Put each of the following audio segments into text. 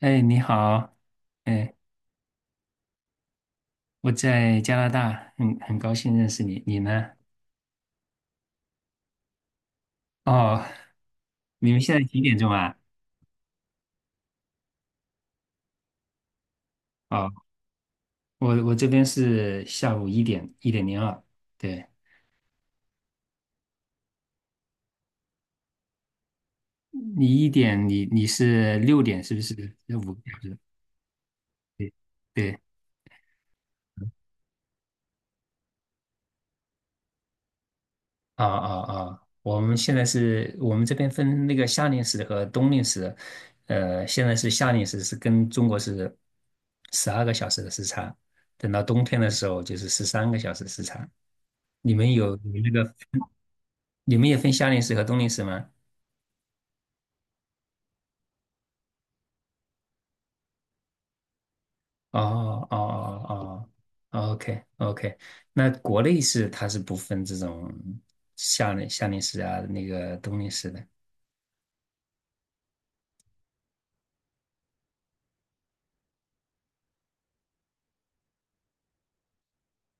哎，你好。哎，我在加拿大，很高兴认识你，你呢？哦，你们现在几点钟啊？哦，我这边是下午一点零二，对。你一点，你是六点是不是？要五个小时？对对。啊啊啊！我们现在是我们这边分那个夏令时和冬令时。现在是夏令时是跟中国是十二个小时的时差，等到冬天的时候就是十三个小时时差。你们有你们那个，你们也分夏令时和冬令时吗？哦哦，哦哦，OK OK。那国内是它是不分这种夏令时啊，那个冬令时的。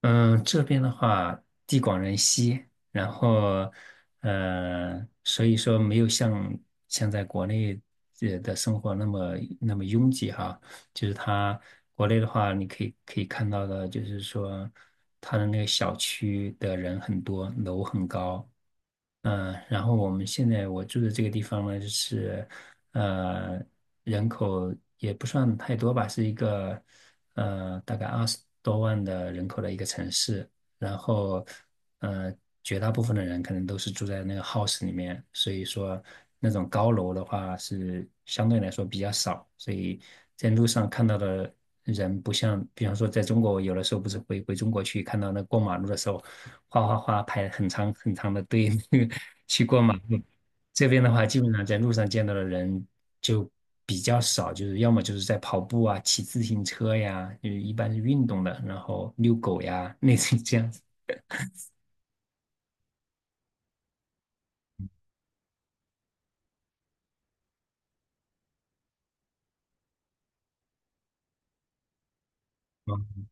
嗯，这边的话，地广人稀。然后，所以说没有像在国内的生活那么拥挤哈。就是它国内的话，你可以看到的，就是说它的那个小区的人很多，楼很高。嗯，然后我们现在我住的这个地方呢，就是呃，人口也不算太多吧，是一个大概二十多万的人口的一个城市。然后呃，绝大部分的人可能都是住在那个 house 里面，所以说那种高楼的话是相对来说比较少，所以在路上看到的人不像，比方说在中国，有的时候不是回中国去看到那过马路的时候。哗哗哗排很长的队，那个去过马路。这边的话，基本上在路上见到的人就比较少，就是要么就是在跑步啊、骑自行车呀，就是一般是运动的，然后遛狗呀，类似于这样子。嗯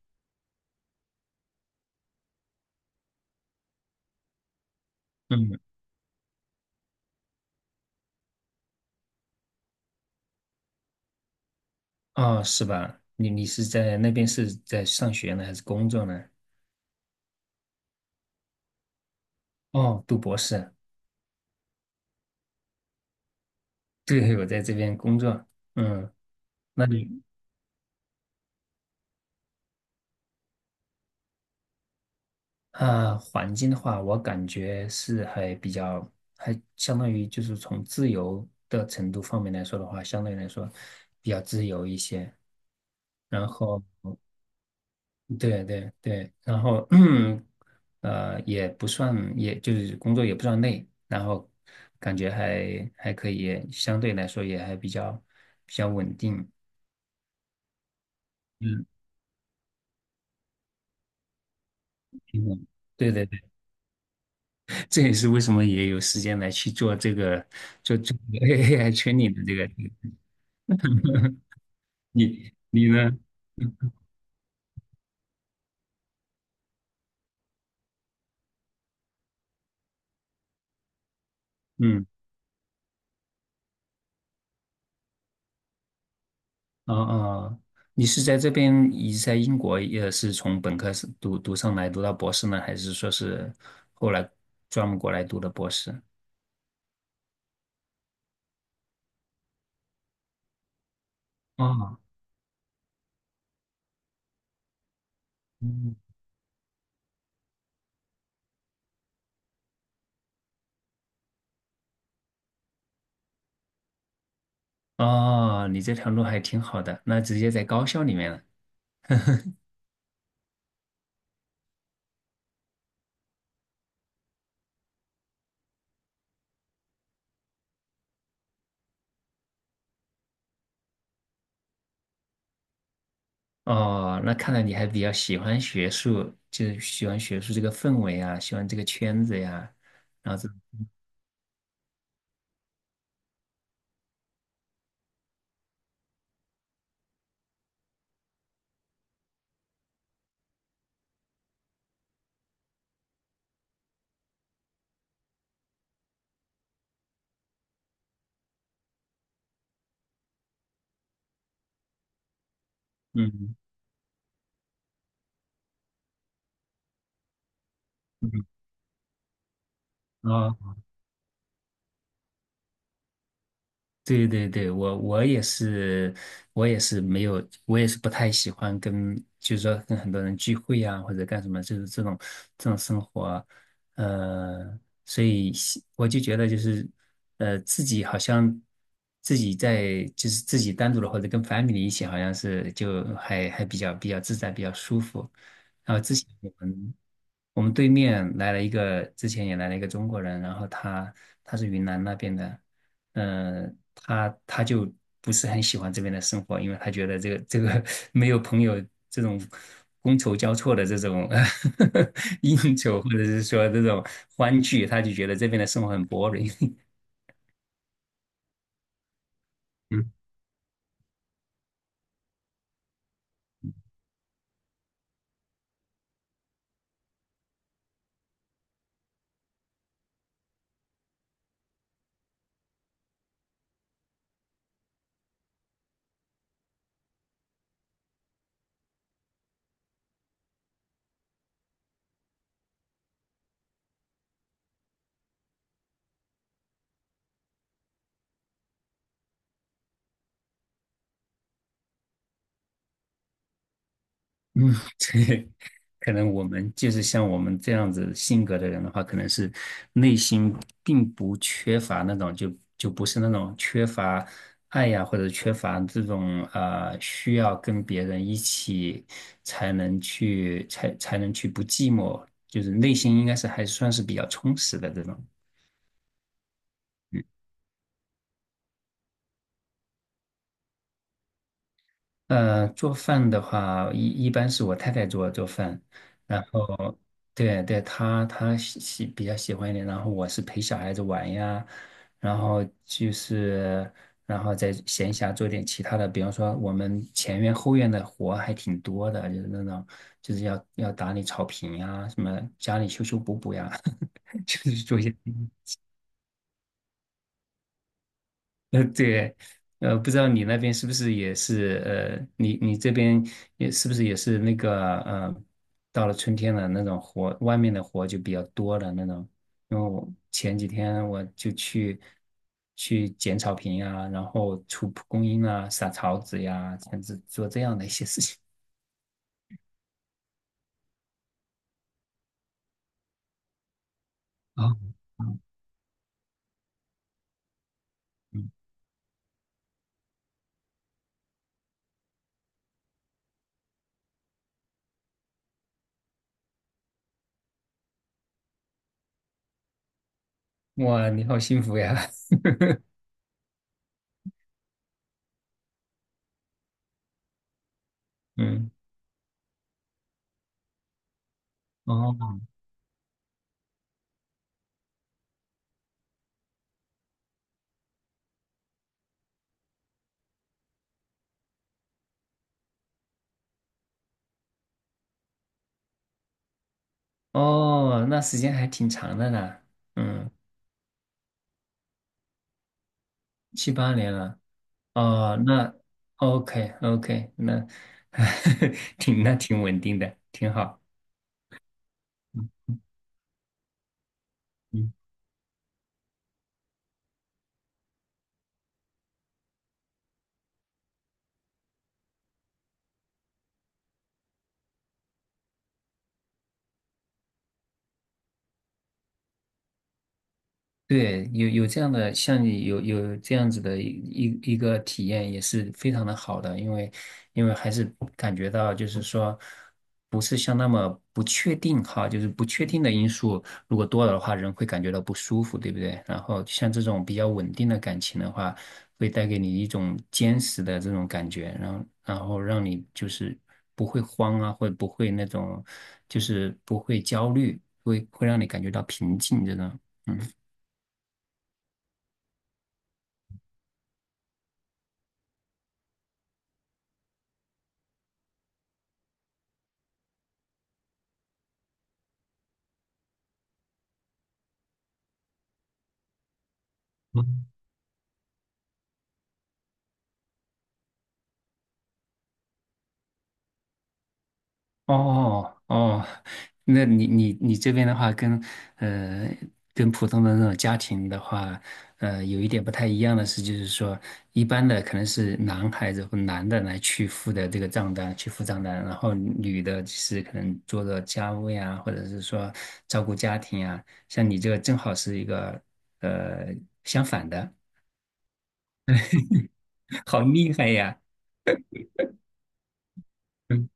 嗯。哦，是吧？你是在那边是在上学呢，还是工作呢？哦，读博士。对，我在这边工作。嗯，那你？啊，环境的话，我感觉是还比较，还相当于就是从自由的程度方面来说的话，相对来说比较自由一些。然后，对对对，然后 也不算，也就是工作也不算累，然后感觉还可以，相对来说也还比较稳定。嗯，平稳。对对对，这也是为什么也有时间来去做这个做这个 AI 圈里的这个。你呢？嗯，嗯。哦哦，你是在这边，你在英国也是从本科是读上来，读到博士呢，还是说是后来专门过来读的博士？哦。嗯。哦，你这条路还挺好的，那直接在高校里面了。哦，那看来你还比较喜欢学术，就是喜欢学术这个氛围啊，喜欢这个圈子呀，然后这，嗯嗯，啊。对对对，我也是，我也是没有，我也是不太喜欢跟，就是说跟很多人聚会呀、或者干什么，就是这种生活。呃，所以喜我就觉得就是，自己好像自己在就是自己单独的或者跟 family 一起，好像是就还比较自在，比较舒服。然后之前我们对面来了一个，之前也来了一个中国人，然后他他是云南那边的。嗯、他就不是很喜欢这边的生活，因为他觉得这个没有朋友这种觥筹交错的这种 应酬，或者是说这种欢聚，他就觉得这边的生活很 boring。嗯，对。可能我们就是像我们这样子性格的人的话，可能是内心并不缺乏那种，就就不是那种缺乏爱呀、或者缺乏这种需要跟别人一起才能去才能去不寂寞，就是内心应该是还算是比较充实的这种。嗯。做饭的话，一般是我太太做饭，然后对对，她比较喜欢一点，然后我是陪小孩子玩呀，然后就是然后在闲暇做点其他的，比方说我们前院后院的活还挺多的，就是那种就是要打理草坪呀，什么家里修修补补呀，就是做一些。呃，对。不知道你那边是不是也是，你这边也是不是也是那个，到了春天了，那种活，外面的活就比较多的那种。因为我前几天我就去去剪草坪啊，然后除蒲公英啊，撒草籽呀，这样子做这样的一些事情。啊，嗯嗯。哇，你好幸福呀！嗯。哦。哦，那时间还挺长的呢。嗯，七八年了。哦，那 OK OK,那 挺那挺稳定的，挺好。嗯。对，有有这样的，像你有有这样子的一个体验，也是非常的好的，因为因为还是感觉到就是说，不是像那么不确定哈，就是不确定的因素如果多了的话，人会感觉到不舒服，对不对？然后像这种比较稳定的感情的话，会带给你一种坚实的这种感觉，然后然后让你就是不会慌啊，或者不会那种就是不会焦虑，会让你感觉到平静这种。哦哦，那你这边的话跟，呃跟普通的那种家庭的话，呃，有一点不太一样的是，就是说一般的可能是男孩子或男的来去付的这个账单，去付账单，然后女的是可能做家务呀，或者是说照顾家庭呀。像你这个正好是一个呃相反的。好厉害呀！嗯。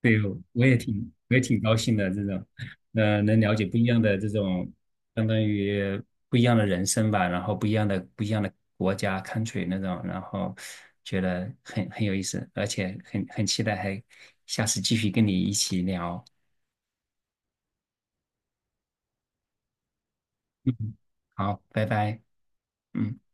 对，我也挺高兴的，这种，能了解不一样的这种，相当于不一样的人生吧，然后不一样的国家 country 那种，然后觉得很有意思，而且很期待还下次继续跟你一起聊。嗯，好，拜拜。嗯。